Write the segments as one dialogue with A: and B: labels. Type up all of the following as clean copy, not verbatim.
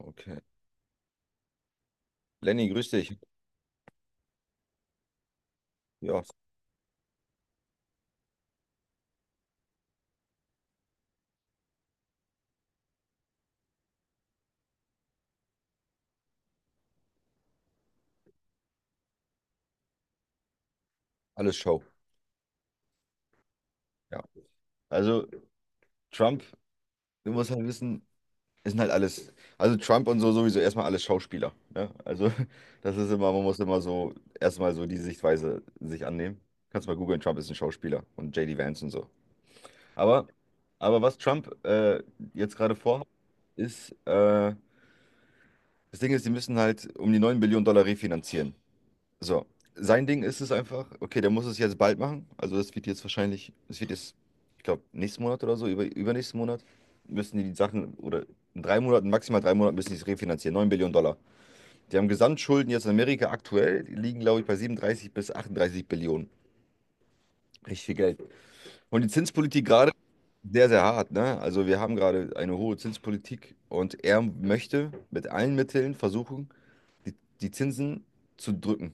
A: Okay. Lenny, grüß dich. Ja, alles Show. Ja. Also Trump, du musst halt wissen, es sind halt alles, also Trump und so sowieso erstmal alles Schauspieler. Ne? Also das ist immer, man muss immer so erstmal so die Sichtweise sich annehmen. Kannst mal googeln, Trump ist ein Schauspieler und JD Vance und so. Aber, aber was Trump jetzt gerade vorhat, ist, das Ding ist, die müssen halt um die 9 Billionen Dollar refinanzieren. So, sein Ding ist es einfach, okay, der muss es jetzt bald machen. Also das wird jetzt wahrscheinlich, es wird jetzt, ich glaube, nächsten Monat oder so, über, übernächsten Monat, müssen die die Sachen, oder in 3 Monaten, maximal 3 Monaten müssen die es refinanzieren. 9 Billionen Dollar. Die haben Gesamtschulden jetzt in Amerika aktuell, die liegen, glaube ich, bei 37 bis 38 Billionen. Richtig viel Geld. Und die Zinspolitik gerade sehr, sehr hart, ne? Also wir haben gerade eine hohe Zinspolitik und er möchte mit allen Mitteln versuchen, die, die Zinsen zu drücken.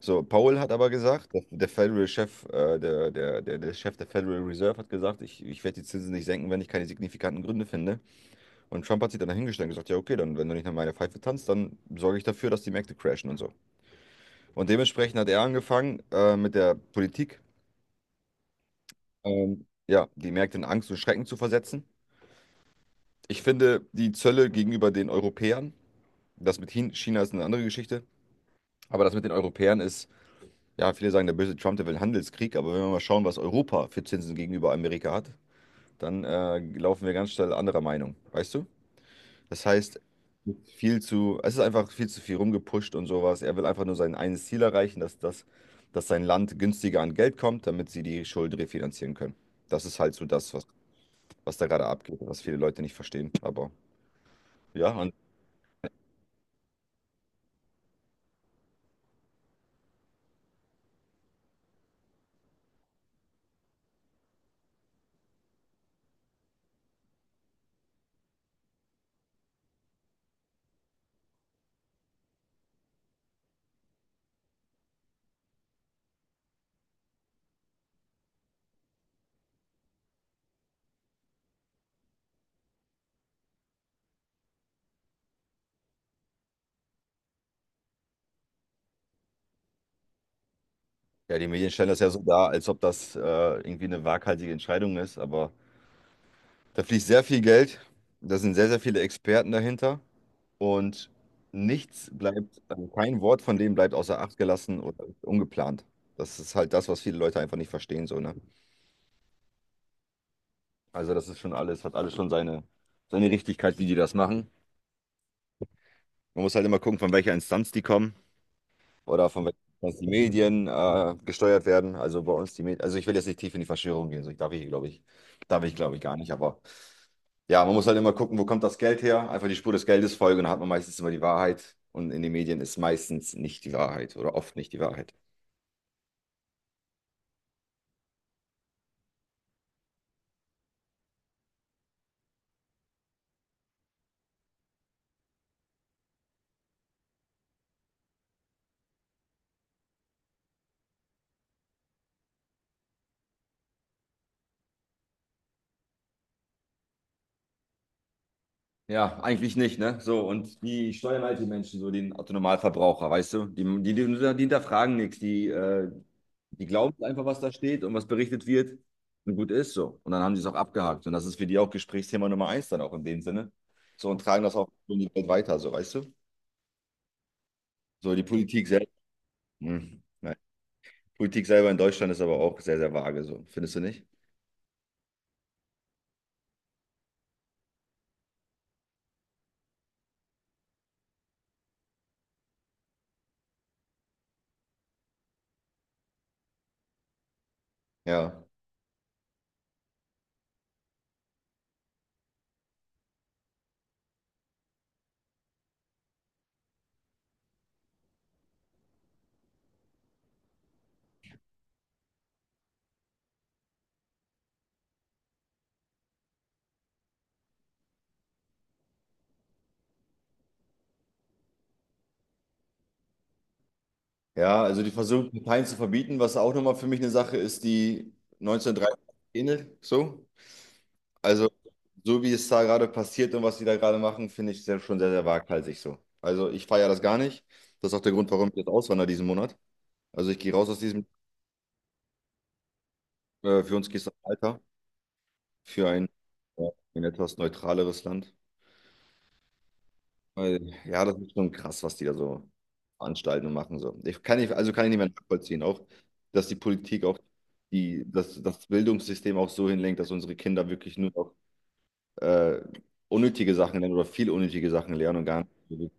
A: So, Powell hat aber gesagt, der, der Federal Chef, der Chef der Federal Reserve hat gesagt, ich werde die Zinsen nicht senken, wenn ich keine signifikanten Gründe finde. Und Trump hat sich dann dahingestellt und gesagt, ja, okay, dann, wenn du nicht nach meiner Pfeife tanzt, dann sorge ich dafür, dass die Märkte crashen und so. Und dementsprechend hat er angefangen, mit der Politik, ja, die Märkte in Angst und Schrecken zu versetzen. Ich finde, die Zölle gegenüber den Europäern, das mit China ist eine andere Geschichte, aber das mit den Europäern ist. Ja, viele sagen, der böse Trump, der will einen Handelskrieg, aber wenn wir mal schauen, was Europa für Zinsen gegenüber Amerika hat, dann laufen wir ganz schnell anderer Meinung, weißt du? Das heißt, viel zu, es ist einfach viel zu viel rumgepusht und sowas. Er will einfach nur sein eines Ziel erreichen, dass sein Land günstiger an Geld kommt, damit sie die Schulden refinanzieren können. Das ist halt so das, was da gerade abgeht, was viele Leute nicht verstehen. Aber ja, und ja, die Medien stellen das ja so dar, als ob das irgendwie eine waghalsige Entscheidung ist, aber. Da fließt sehr viel Geld, da sind sehr, sehr viele Experten dahinter und nichts bleibt, also kein Wort von dem bleibt außer Acht gelassen oder ungeplant. Das ist halt das, was viele Leute einfach nicht verstehen, so, ne? Also das ist schon alles, hat alles schon seine, seine Richtigkeit, wie die das machen. Man muss halt immer gucken, von welcher Instanz die kommen, oder von welchen Instanz die Medien gesteuert werden. Also bei uns die Medien, also ich will jetzt nicht tief in die Verschwörung gehen, so ich darf ich, glaube ich, darf ich, glaube ich, gar nicht, aber ja, man muss halt immer gucken, wo kommt das Geld her? Einfach die Spur des Geldes folgen, dann hat man meistens immer die Wahrheit und in den Medien ist meistens nicht die Wahrheit oder oft nicht die Wahrheit. Ja, eigentlich nicht, ne? So, und die steuern halt die Menschen, so den Autonomalverbraucher, weißt du? Die hinterfragen nichts, die glauben einfach, was da steht und was berichtet wird, und gut ist so. Und dann haben die es auch abgehakt. Und das ist für die auch Gesprächsthema Nummer eins dann auch in dem Sinne. So, und tragen das auch in die Welt weiter, so, weißt du? So, die Politik selbst. Hm, nein. Politik selber in Deutschland ist aber auch sehr, sehr vage, so. Findest du nicht? Ja. Ja, also die versuchen, Parteien zu verbieten, was auch nochmal für mich eine Sache ist, die 1930 ähnelt, so. Also, so wie es da gerade passiert und was sie da gerade machen, finde ich sehr, schon sehr, sehr waghalsig so. Also, ich feiere das gar nicht. Das ist auch der Grund, warum ich jetzt auswandere diesen Monat. Also, ich gehe raus aus diesem, für uns gehst du weiter für äh, ein etwas neutraleres Land. Weil, ja, das ist schon krass, was die da so veranstalten und machen. So. Ich kann nicht, also kann ich nicht mehr nachvollziehen, auch, dass die Politik auch die, dass das Bildungssystem auch so hinlenkt, dass unsere Kinder wirklich nur noch äh, unnötige Sachen lernen oder viel unnötige Sachen lernen und gar nicht.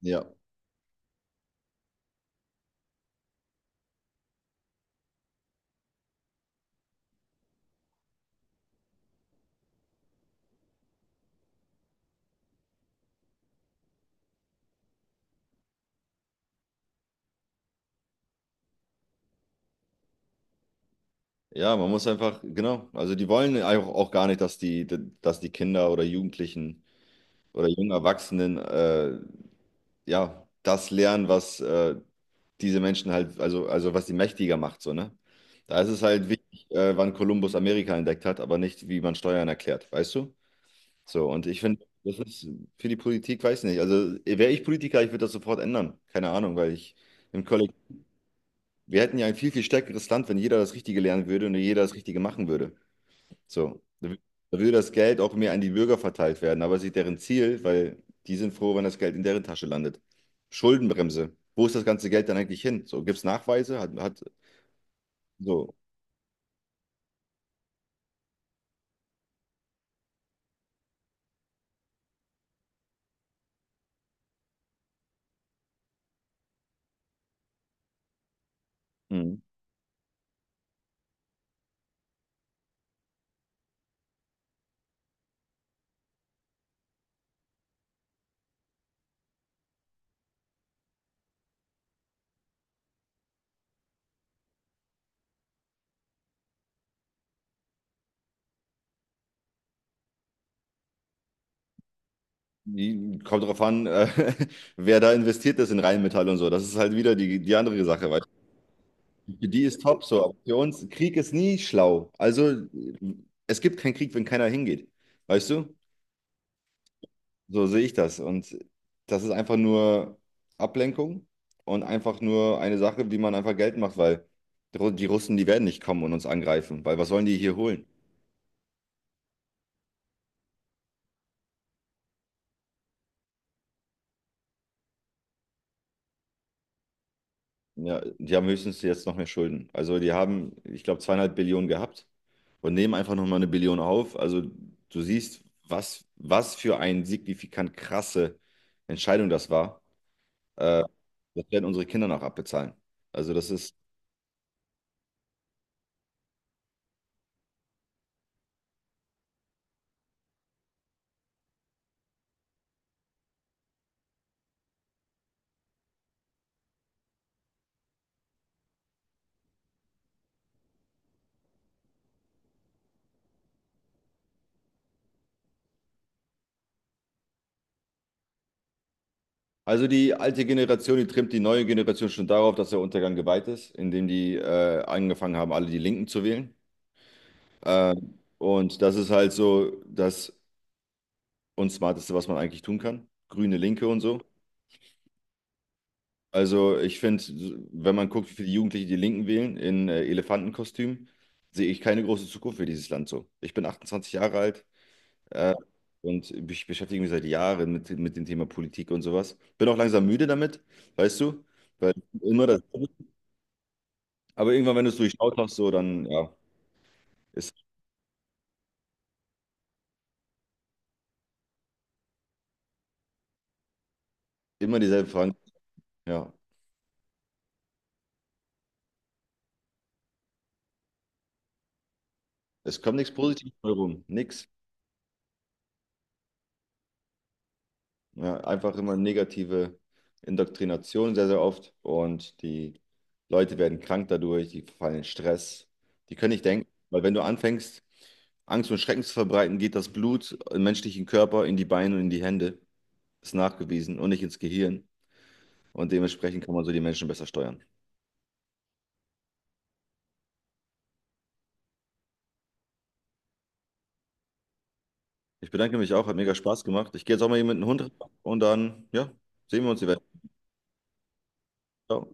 A: Ja, ja, man muss einfach, genau, also die wollen auch, auch gar nicht, dass die Kinder oder Jugendlichen oder jungen Erwachsenen ja das lernen, was diese Menschen halt, also was die mächtiger macht, so, ne? Da ist es halt wichtig, wann Kolumbus Amerika entdeckt hat, aber nicht, wie man Steuern erklärt, weißt du? So, und ich finde, das ist für die Politik, weiß nicht, also wäre ich Politiker, ich würde das sofort ändern, keine Ahnung, weil ich im Kollektiv, wir hätten ja ein viel, viel stärkeres Land, wenn jeder das Richtige lernen würde und jeder das Richtige machen würde. So, da würde das Geld auch mehr an die Bürger verteilt werden, aber es ist nicht deren Ziel, weil die sind froh, wenn das Geld in deren Tasche landet. Schuldenbremse. Wo ist das ganze Geld dann eigentlich hin? So, gibt es Nachweise? Hat so. Mhm. Die, kommt darauf an, wer da investiert ist in Rheinmetall und so. Das ist halt wieder die, die andere Sache, weil für die ist top so, aber für uns, Krieg ist nie schlau. Also, es gibt keinen Krieg, wenn keiner hingeht. Weißt du? So sehe ich das. Und das ist einfach nur Ablenkung und einfach nur eine Sache, wie man einfach Geld macht, weil die Russen, die werden nicht kommen und uns angreifen, weil was sollen die hier holen? Ja, die haben höchstens jetzt noch mehr Schulden. Also die haben, ich glaube, 2,5 Billionen gehabt und nehmen einfach nochmal eine Billion auf. Also du siehst, was, was für eine signifikant krasse Entscheidung das war. Äh, das werden unsere Kinder noch abbezahlen. Also das ist. Also die alte Generation, die trimmt die neue Generation schon darauf, dass der Untergang geweiht ist, indem die angefangen haben, alle die Linken zu wählen. Äh, und das ist halt so das Unsmarteste, was man eigentlich tun kann. Grüne Linke und so. Also ich finde, wenn man guckt, wie viele Jugendliche die Linken wählen in Elefantenkostüm, sehe ich keine große Zukunft für dieses Land so. Ich bin 28 Jahre alt äh, und ich beschäftige mich seit Jahren mit dem Thema Politik und sowas. Bin auch langsam müde damit, weißt du? Weil immer das. Aber irgendwann, wenn du es durchschaut hast, so, dann, ja, ist immer dieselbe Frage. Ja, es kommt nichts Positives bei rum, nichts. Ja, einfach immer negative Indoktrination sehr, sehr oft und die Leute werden krank dadurch, die verfallen in Stress, die können nicht denken, weil wenn du anfängst, Angst und Schrecken zu verbreiten, geht das Blut im menschlichen Körper in die Beine und in die Hände, ist nachgewiesen und nicht ins Gehirn, und dementsprechend kann man so die Menschen besser steuern. Ich bedanke mich auch, hat mega Spaß gemacht. Ich gehe jetzt auch mal hier mit dem Hund ran und dann, ja, sehen wir uns eventuell. Ciao.